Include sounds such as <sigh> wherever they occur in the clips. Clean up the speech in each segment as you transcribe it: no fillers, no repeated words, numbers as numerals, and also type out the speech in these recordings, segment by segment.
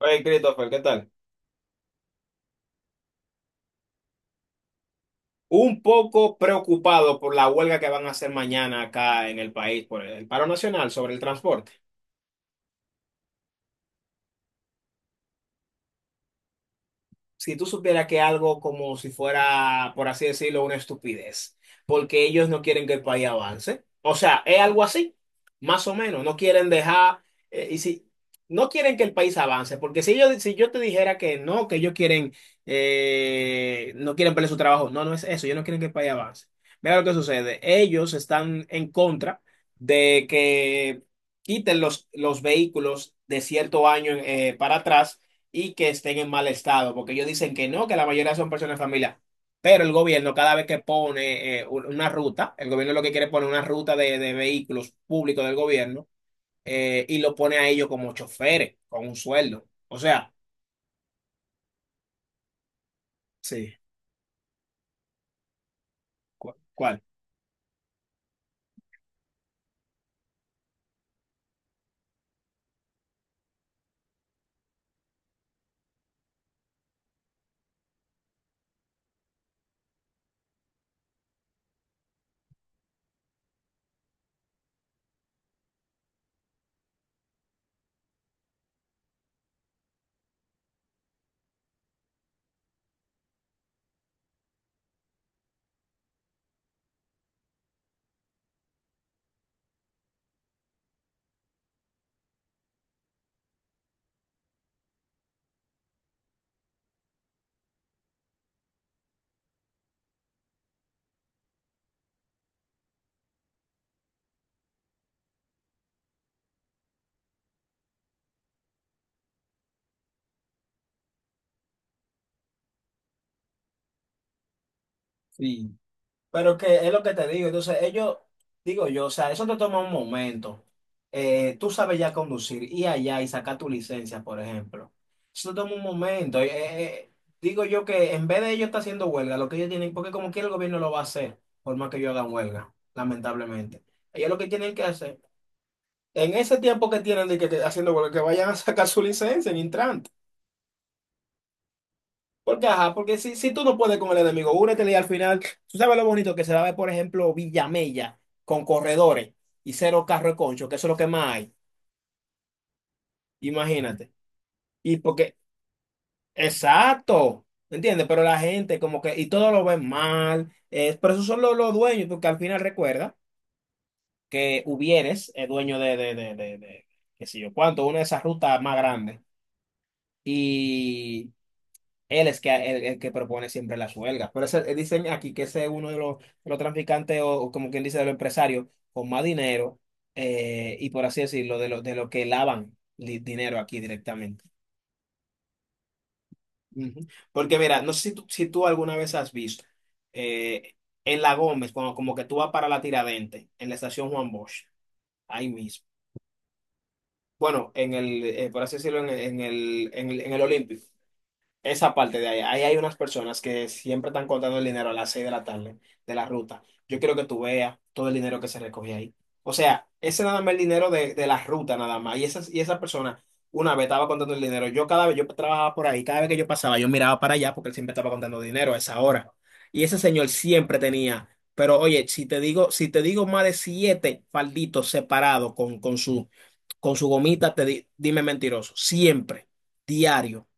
Hey, Christopher, ¿qué tal? Un poco preocupado por la huelga que van a hacer mañana acá en el país por el paro nacional sobre el transporte. Si tú supieras que algo como si fuera, por así decirlo, una estupidez, porque ellos no quieren que el país avance. O sea, es algo así, más o menos. No quieren dejar, y si no quieren que el país avance, porque si yo te dijera que no, que ellos quieren, no quieren perder su trabajo, no, no es eso, ellos no quieren que el país avance. Mira lo que sucede, ellos están en contra de que quiten los vehículos de cierto año para atrás, y que estén en mal estado, porque ellos dicen que no, que la mayoría son personas de familia. Pero el gobierno, cada vez que pone una ruta, el gobierno lo que quiere es poner una ruta de vehículos públicos del gobierno, y lo pone a ellos como choferes, con un sueldo. O sea, sí. ¿Cuál? Sí. Pero que es lo que te digo, entonces ellos, digo yo, o sea, eso te toma un momento. Tú sabes ya conducir, y allá y sacar tu licencia, por ejemplo. Eso te toma un momento. Digo yo que en vez de ellos estar haciendo huelga, lo que ellos tienen, porque como quiera el gobierno lo va a hacer, por más que ellos hagan huelga, lamentablemente. Ellos lo que tienen que hacer, en ese tiempo que tienen de que haciendo huelga, que vayan a sacar su licencia en Intran. Porque, ajá, porque si tú no puedes con el enemigo, únete, y al final, tú sabes lo bonito que se va a ver, por ejemplo, Villamella con corredores y cero carro de concho, que eso es lo que más hay, imagínate. Y porque, exacto, ¿entiendes? Pero la gente como que, y todo lo ven mal, pero esos son los dueños, porque al final recuerda que Hubieres es dueño de qué sé yo, cuánto, una de esas rutas más grandes. Y él es que, el que propone siempre las huelgas. Por eso, dicen aquí que ese es uno de los traficantes, o como quien dice, de los empresarios con más dinero, y por así decirlo, de lo que lavan dinero aquí directamente. Ujú. Porque mira, no sé si tú alguna vez has visto, eh, en La Gómez, cuando como que tú vas para la Tiradente, en la estación Juan Bosch, ahí mismo. Bueno, por así decirlo, en el Olímpico. Esa parte de ahí, ahí hay unas personas que siempre están contando el dinero a las 6 de la tarde, de la ruta. Yo quiero que tú veas todo el dinero que se recoge ahí. O sea, ese nada más el dinero de la ruta nada más. Y esa persona una vez estaba contando el dinero. Yo cada vez yo trabajaba por ahí, cada vez que yo pasaba, yo miraba para allá porque él siempre estaba contando dinero a esa hora. Y ese señor siempre tenía, pero oye, si te digo más de siete falditos separados con su gomita, dime mentiroso. Siempre, diario.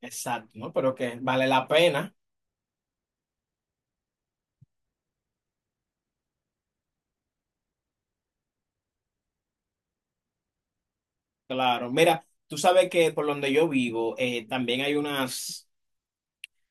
Exacto, ¿no? Pero que vale la pena, claro. Mira, tú sabes que por donde yo vivo, también hay unas,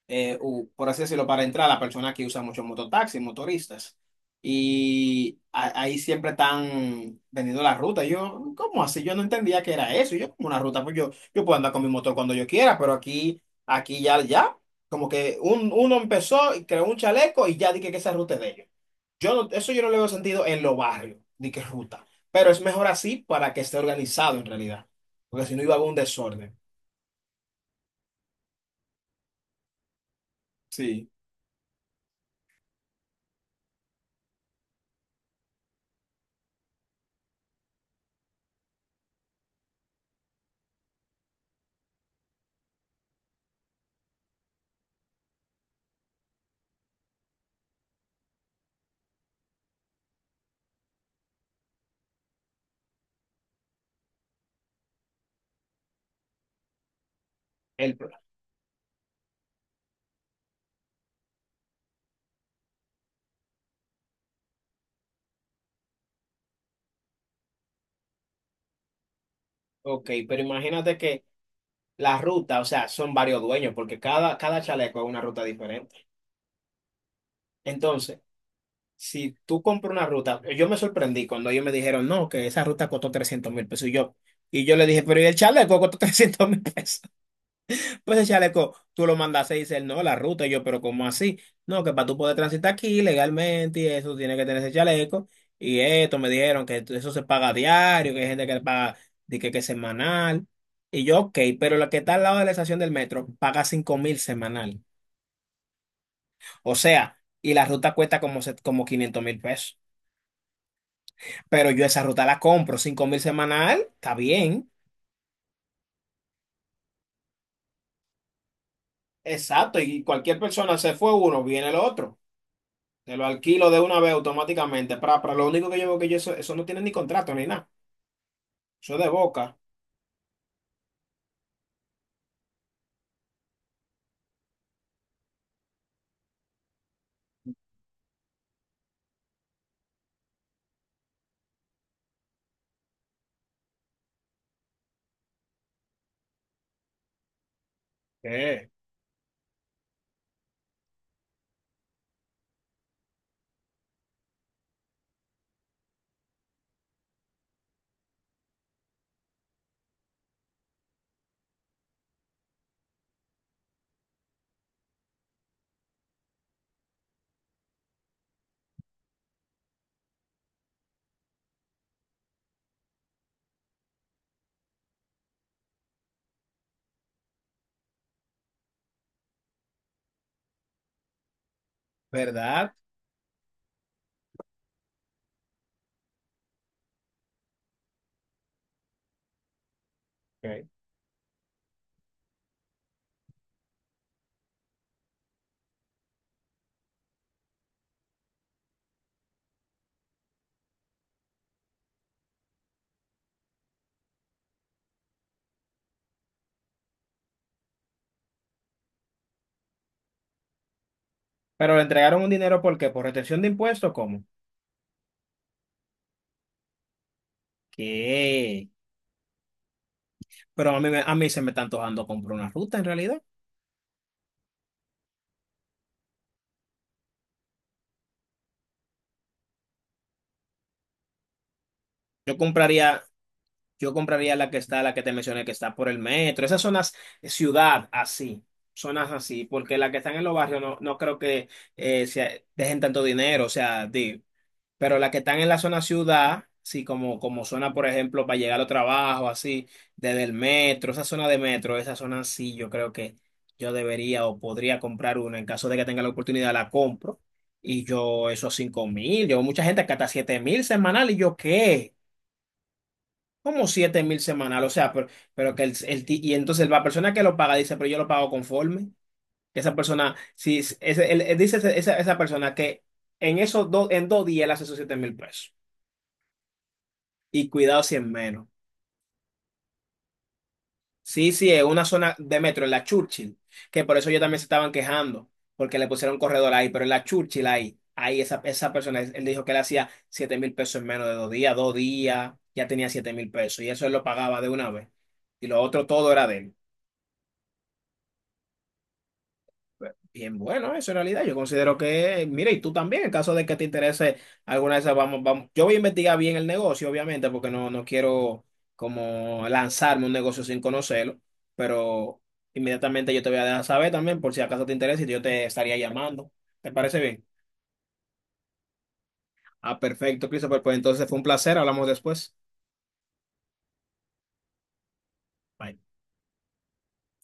por así decirlo, para entrar, la persona que usa mucho mototaxi, motoristas. Y ahí siempre están vendiendo la ruta. Yo, ¿cómo así? Yo no entendía que era eso. Yo como una ruta, pues yo puedo andar con mi motor cuando yo quiera, pero aquí ya, ya, como que uno empezó y creó un chaleco y ya dije que esa ruta es de ellos. Yo no- Eso yo no le veo sentido en los barrios, ni que ruta. Pero es mejor así para que esté organizado en realidad. Porque si no iba a haber un desorden. Sí. El, ok, pero imagínate que la ruta, o sea, son varios dueños, porque cada chaleco es una ruta diferente. Entonces, si tú compras una ruta, yo me sorprendí cuando ellos me dijeron, no, que esa ruta costó 300.000 pesos. Y yo le dije, pero ¿y el chaleco costó <laughs> 300.000 pesos? Pues el chaleco, tú lo mandas y dices, no, la ruta, y yo, pero ¿cómo así? No, que para tú poder transitar aquí legalmente y eso, tiene que tener ese chaleco. Y esto, me dijeron que eso se paga diario, que hay gente que le paga, di que, es semanal. Y yo, ok, pero la que está al lado de la estación del metro paga 5.000 semanal. O sea, y la ruta cuesta como, como 500.000 pesos. Pero yo esa ruta la compro, 5.000 semanal, está bien. Exacto, y cualquier persona se fue uno, viene el otro. Te lo alquilo de una vez automáticamente. Para lo único que yo veo que yo eso no tiene ni contrato ni nada. Eso es de boca. ¿Qué? ¿Verdad? Ok. Pero le entregaron un dinero, ¿por qué? ¿Por retención de impuestos? ¿Cómo? ¿Qué? Pero a mí, a mí se me está antojando comprar una ruta en realidad. Yo compraría, yo compraría la que está, la que te mencioné, que está por el metro. Esas zonas, ciudad así. Zonas así, porque las que están en los barrios no creo que eh, sea- dejen tanto dinero. O sea, pero las que están en la zona ciudad, sí, como zona, por ejemplo, para llegar al trabajo, así, desde el metro, esa zona de metro, esa zona sí, yo creo que yo debería o podría comprar una. En caso de que tenga la oportunidad, la compro. Y yo, esos 5.000, yo, mucha gente que hasta 7.000 semanal, y yo, ¿qué? Como 7.000 semanal, o sea, pero que y entonces la persona que lo paga dice, pero yo lo pago conforme. Esa persona, si, ese, él dice esa persona que en dos días él hace esos 7.000 pesos. Y cuidado si es menos. Sí, sí, es una zona de metro, en la Churchill, que por eso ellos también se estaban quejando, porque le pusieron corredor ahí, pero en la Churchill ahí, esa persona, él dijo que él hacía 7.000 pesos en menos de 2 días, 2 días, ya tenía 7.000 pesos y eso él lo pagaba de una vez. Y lo otro todo era de él. Bien, bueno, eso en realidad yo considero que, mire, y tú también, en caso de que te interese alguna de esas, vamos, vamos, yo voy a investigar bien el negocio, obviamente, porque no quiero como lanzarme un negocio sin conocerlo, pero inmediatamente yo te voy a dejar saber también, por si acaso te interesa, y yo te estaría llamando. ¿Te parece bien? Ah, perfecto, Christopher, pues entonces fue un placer, hablamos después. Bye.